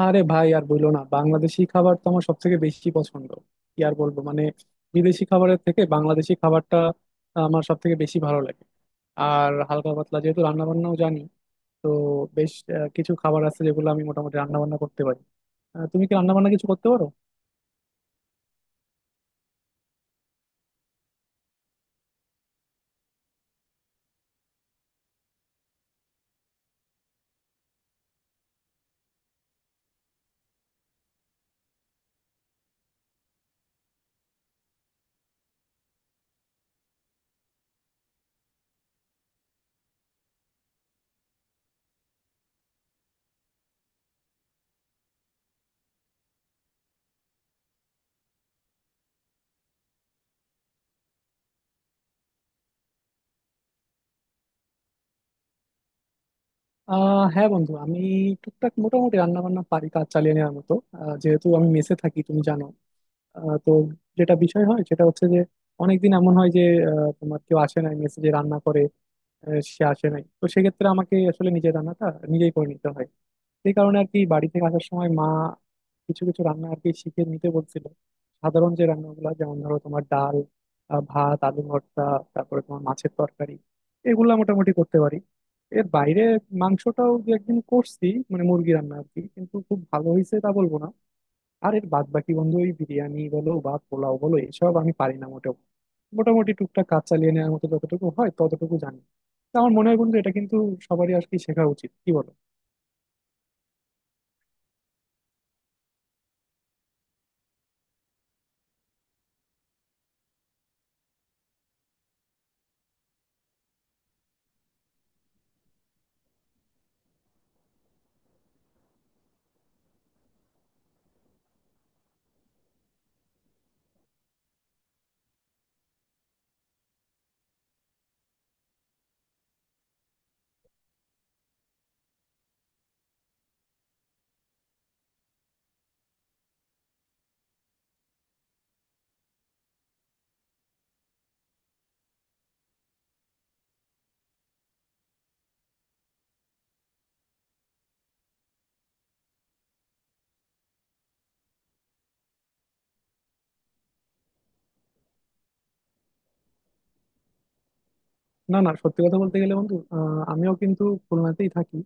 আরে ভাই আর বইলো না, বাংলাদেশি খাবার তো আমার সব থেকে বেশি পছন্দ। কি আর বলবো, মানে বিদেশি খাবারের থেকে বাংলাদেশি খাবারটা আমার সব থেকে বেশি ভালো লাগে। আর হালকা পাতলা যেহেতু রান্না বান্নাও জানি, তো বেশ কিছু খাবার আছে যেগুলো আমি মোটামুটি রান্না বান্না করতে পারি। তুমি কি রান্না বান্না কিছু করতে পারো? হ্যাঁ বন্ধু, আমি টুকটাক মোটামুটি রান্না বান্না পারি, কাজ চালিয়ে নেওয়ার মতো। যেহেতু আমি মেসে থাকি তুমি জানো। তো যেটা বিষয় হয় সেটা হচ্ছে যে অনেকদিন এমন হয় যে তোমার কেউ আসে না মেসে, যে রান্না করে। সে আসে নাই, তো সেক্ষেত্রে আমাকে আসলে নিজের রান্নাটা নিজেই করে নিতে হয়। এই কারণে আর কি বাড়ি থেকে আসার সময় মা কিছু কিছু রান্না আর কি শিখে নিতে বলছিল। সাধারণ যে রান্নাগুলো, যেমন ধরো তোমার ডাল, ভাত, আলু ভর্তা, তারপরে তোমার মাছের তরকারি, এগুলা মোটামুটি করতে পারি। এর বাইরে মাংসটাও দু একদিন করছি, মানে মুরগি রান্না আর কি, কিন্তু খুব ভালো হয়েছে তা বলবো না। আর এর বাদ বাকি বন্ধু, ওই বিরিয়ানি বলো বা পোলাও বলো, এসব আমি পারি না মোটেও। মোটামুটি টুকটাক কাজ চালিয়ে নেওয়ার মতো যতটুকু হয় ততটুকু জানি। তো আমার মনে হয় বন্ধু, এটা কিন্তু সবারই আজকে শেখা উচিত, কি বলো? না না, সত্যি কথা বলতে গেলে বন্ধু, আমিও কিন্তু খুলনাতেই থাকি।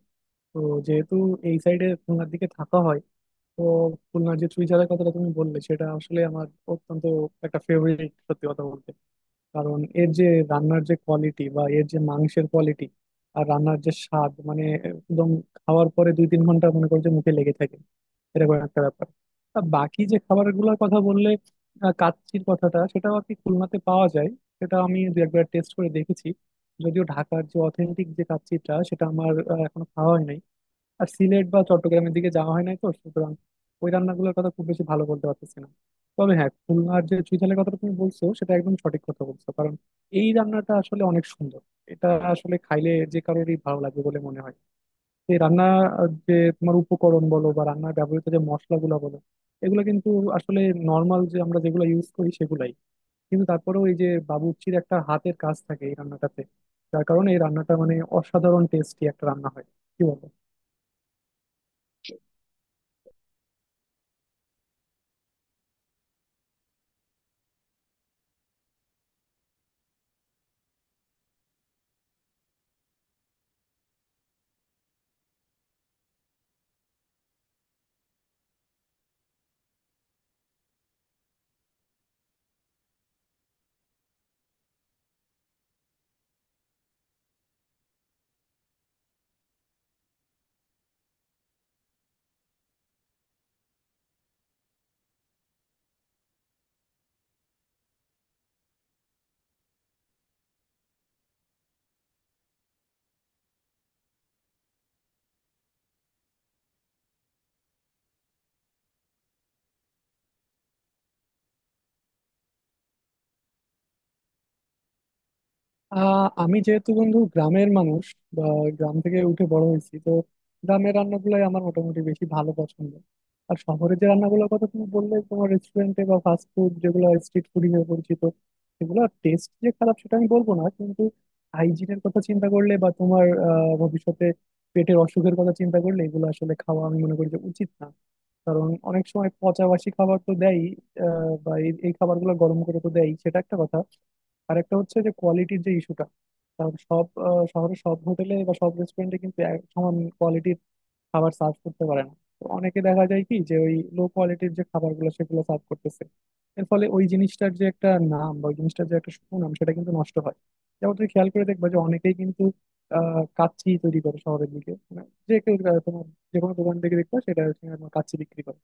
তো যেহেতু এই সাইডে খুলনার দিকে থাকা হয়, তো খুলনার যে চুইঝালের কথাটা তুমি বললে সেটা আসলে আমার অত্যন্ত একটা ফেভারিট, সত্যি কথা বলতে। কারণ এর যে রান্নার যে কোয়ালিটি বা এর যে মাংসের কোয়ালিটি, আর রান্নার যে স্বাদ, মানে একদম খাওয়ার পরে দুই তিন ঘন্টা মনে করো যে মুখে লেগে থাকে, এরকম একটা ব্যাপার। আর বাকি যে খাবারগুলোর কথা বললে, কাচ্চির কথাটা, সেটাও আর কি খুলনাতে পাওয়া যায়। সেটা আমি দু একবার টেস্ট করে দেখেছি। যদিও ঢাকার যে অথেন্টিক যে কাচ্চিটা, সেটা আমার এখনো খাওয়া হয়নি। আর সিলেট বা চট্টগ্রামের দিকে যাওয়া হয় নাই, তো সুতরাং ওই রান্নাগুলোর কথা খুব বেশি ভালো বলতে পারতেছি না। তবে হ্যাঁ, খুলনার যে চুইঝালের কথাটা তুমি বলছো সেটা একদম সঠিক কথা বলছো, কারণ এই রান্নাটা আসলে অনেক সুন্দর। এটা আসলে খাইলে যে কারোরই ভালো লাগবে বলে মনে হয়। এই রান্না, যে তোমার উপকরণ বলো বা রান্নার ব্যবহৃত যে মশলাগুলো বলো, এগুলো কিন্তু আসলে নর্মাল যে আমরা যেগুলো ইউজ করি সেগুলাই। কিন্তু তারপরেও এই যে বাবুর্চির একটা হাতের কাজ থাকে এই রান্নাটাতে, যার কারণে এই রান্নাটা মানে অসাধারণ টেস্টি একটা রান্না হয়। কি বলো? আমি যেহেতু বন্ধু গ্রামের মানুষ বা গ্রাম থেকে উঠে বড় হয়েছি, তো গ্রামের রান্নাগুলাই আমার মোটামুটি বেশি ভালো পছন্দ। আর শহরের যে রান্নাগুলোর কথা তুমি বললে, তোমার রেস্টুরেন্টে বা ফাস্ট ফুড যেগুলো স্ট্রিট ফুড হিসেবে পরিচিত, সেগুলো টেস্ট যে খারাপ সেটা আমি বলবো না, কিন্তু হাইজিনের কথা চিন্তা করলে বা তোমার ভবিষ্যতে পেটের অসুখের কথা চিন্তা করলে, এগুলো আসলে খাওয়া আমি মনে করি যে উচিত না। কারণ অনেক সময় পচাবাসি খাবার তো দেয়, বা এই এই খাবারগুলো গরম করে তো দেয়, সেটা একটা কথা। আরেকটা হচ্ছে যে কোয়ালিটির যে ইস্যুটা, কারণ সব শহরের সব হোটেলে বা সব রেস্টুরেন্টে কিন্তু এক সমান কোয়ালিটির খাবার সার্ভ করতে পারে না। তো অনেকে দেখা যায় কি, যে ওই লো কোয়ালিটির যে খাবারগুলো সেগুলো সার্ভ করতেছে। এর ফলে ওই জিনিসটার যে একটা নাম বা ওই জিনিসটার যে একটা সুনাম, সেটা কিন্তু নষ্ট হয়। যেমন তুমি খেয়াল করে দেখবা যে অনেকেই কিন্তু কাচ্চি তৈরি করে শহরের দিকে, মানে যে কেউ তোমার যে কোনো দোকান থেকে দেখবা সেটা হচ্ছে তোমার কাচ্চি বিক্রি করে।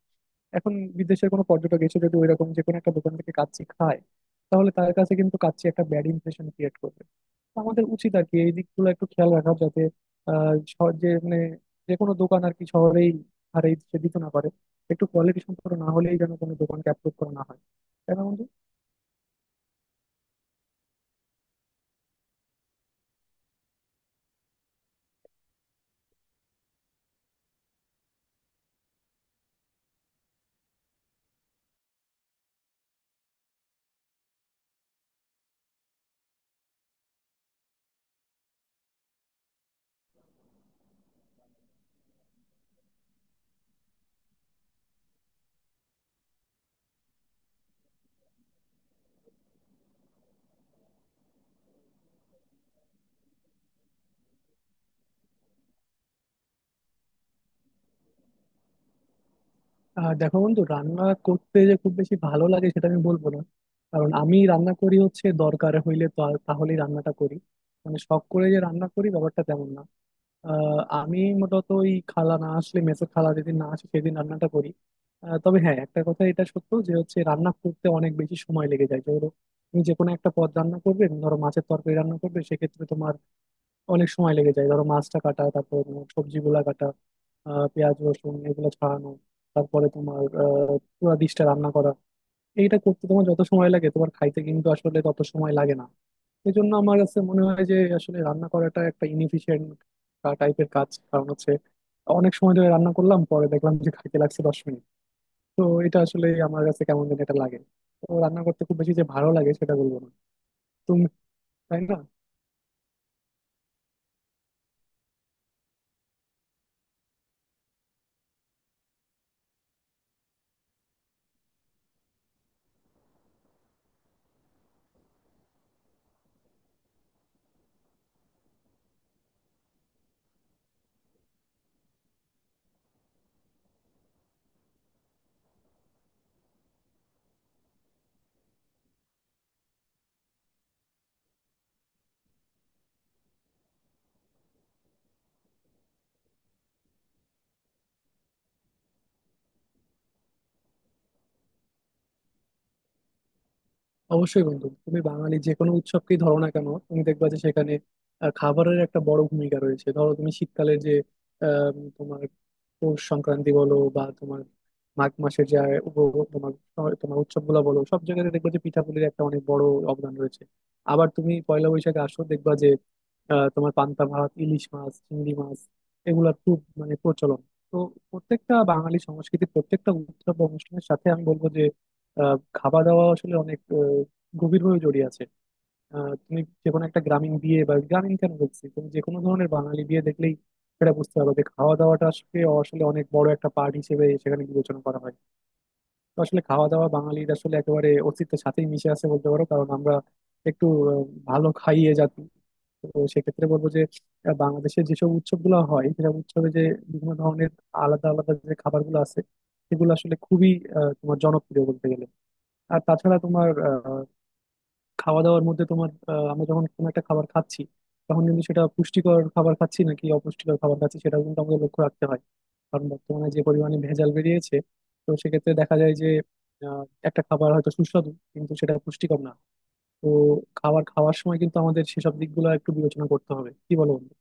এখন বিদেশের কোনো পর্যটক এসে যদি ওইরকম যে কোনো একটা দোকান থেকে কাচ্চি খায়, তাহলে তার কাছে কিন্তু কাচ্চি একটা ব্যাড ইমপ্রেশন ক্রিয়েট করবে। তো আমাদের উচিত আর কি এই দিকগুলো একটু খেয়াল রাখা, যাতে আহ শহর- যে মানে যে কোনো দোকান আর কি শহরেই আর এই সে দিতে না পারে, একটু কোয়ালিটি সম্পর্ক না হলেই যেন কোনো দোকানকে অ্যাপ্রুভ করা না হয়। তাই না বন্ধু? আর দেখো বন্ধু, রান্না করতে যে খুব বেশি ভালো লাগে সেটা আমি বলবো না। কারণ আমি রান্না করি হচ্ছে দরকার হইলে, তাহলেই রান্নাটা করি। মানে শখ করে যে রান্না করি ব্যাপারটা তেমন না। আমি মূলত ওই খালা না আসলে মেসের খালা যেদিন না আসে, সেদিন রান্নাটা করি। তবে হ্যাঁ, একটা কথা এটা সত্য যে হচ্ছে রান্না করতে অনেক বেশি সময় লেগে যায়। ধরো তুমি যে কোনো একটা পদ রান্না করবে, ধরো মাছের তরকারি রান্না করবে, সেক্ষেত্রে তোমার অনেক সময় লেগে যায়। ধরো মাছটা কাটা, তারপর সবজিগুলা কাটা, পেঁয়াজ রসুন এগুলো ছাড়ানো, তারপরে তোমার পুরো ডিশটা রান্না করা। এইটা করতে তোমার যত সময় লাগে তোমার খাইতে কিন্তু আসলে তত সময় লাগে না। এই জন্য আমার কাছে মনে হয় যে আসলে রান্না করাটা একটা ইনএফিশিয়েন্ট টাইপের কাজ, কারণ হচ্ছে অনেক সময় ধরে রান্না করলাম, পরে দেখলাম যে খাইতে লাগছে দশ মিনিট। তো এটা আসলে আমার কাছে কেমন যেন এটা লাগে। তো রান্না করতে খুব বেশি যে ভালো লাগে সেটা বলবো না। তুমি। তাই না? অবশ্যই বন্ধু, তুমি বাঙালি যে কোনো উৎসবকেই ধরো না কেন, তুমি দেখবা যে সেখানে খাবারের একটা বড় ভূমিকা রয়েছে। ধরো তুমি শীতকালের যে তোমার পৌষ সংক্রান্তি বলো, বা তোমার মাঘ মাসের যে তোমার তোমার উৎসবগুলো বলো, সব জায়গাতে দেখবা যে পিঠাপুলির একটা অনেক বড় অবদান রয়েছে। আবার তুমি পয়লা বৈশাখে আসো, দেখবা যে তোমার পান্তা ভাত, ইলিশ মাছ, চিংড়ি মাছ, এগুলা খুব মানে প্রচলন। তো প্রত্যেকটা বাঙালি সংস্কৃতির প্রত্যেকটা উৎসব বা অনুষ্ঠানের সাথে আমি বলবো যে খাওয়া দাওয়া আসলে অনেক গভীরভাবে জড়িয়ে আছে। তুমি যে কোনো একটা গ্রামীণ বিয়ে, বা গ্রামীণ কেন বলছি, তুমি যে কোনো ধরনের বাঙালি বিয়ে দেখলেই সেটা বুঝতে পারবে যে খাওয়া দাওয়াটা আসলে আসলে অনেক বড় একটা পার্ট হিসেবে সেখানে বিবেচনা করা হয়। তো আসলে খাওয়া দাওয়া বাঙালির আসলে একেবারে অস্তিত্বের সাথেই মিশে আছে বলতে পারো, কারণ আমরা একটু আহ, ভালো খাইয়ে জাতি। তো সেক্ষেত্রে বলবো যে বাংলাদেশে যেসব উৎসবগুলো হয়, সেসব উৎসবে যে বিভিন্ন ধরনের আলাদা আলাদা যে খাবারগুলো আছে, সেগুলো আসলে খুবই তোমার জনপ্রিয় বলতে গেলে। আর তাছাড়া তোমার খাওয়া দাওয়ার মধ্যে তোমার, আমরা যখন কোনো একটা খাবার খাচ্ছি, তখন কিন্তু সেটা পুষ্টিকর খাবার খাচ্ছি নাকি অপুষ্টিকর খাবার খাচ্ছি সেটাও কিন্তু আমাদের লক্ষ্য রাখতে হয়। কারণ বর্তমানে যে পরিমাণে ভেজাল বেরিয়েছে, তো সেক্ষেত্রে দেখা যায় যে আহ, একটা খাবার হয়তো সুস্বাদু কিন্তু সেটা পুষ্টিকর না। তো খাবার খাওয়ার সময় কিন্তু আমাদের সেসব দিকগুলো একটু বিবেচনা করতে হবে, কি বলো বন্ধু?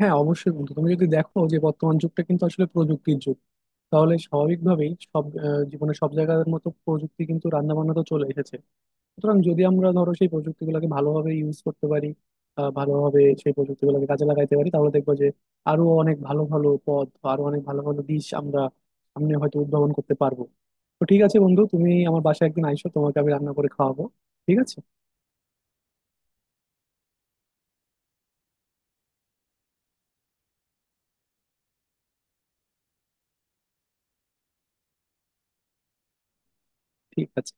হ্যাঁ অবশ্যই বন্ধু, তুমি যদি দেখো যে বর্তমান যুগটা কিন্তু আসলে প্রযুক্তির যুগ, তাহলে স্বাভাবিকভাবেই সব জীবনে সব জায়গার মতো প্রযুক্তি কিন্তু রান্না বান্নাতেও চলে এসেছে। সুতরাং যদি আমরা ধরো সেই প্রযুক্তিগুলোকে ভালোভাবে ইউজ করতে পারি, ভালোভাবে সেই প্রযুক্তিগুলোকে কাজে লাগাইতে পারি, তাহলে দেখবো যে আরো অনেক ভালো ভালো পথ বা আরো অনেক ভালো ভালো দিশ আমরা সামনে হয়তো উদ্ভাবন করতে পারবো। তো ঠিক আছে বন্ধু, তুমি আমার বাসায় একদিন আইসো, তোমাকে আমি রান্না করে খাওয়াবো। ঠিক আছে? ঠিক আছে।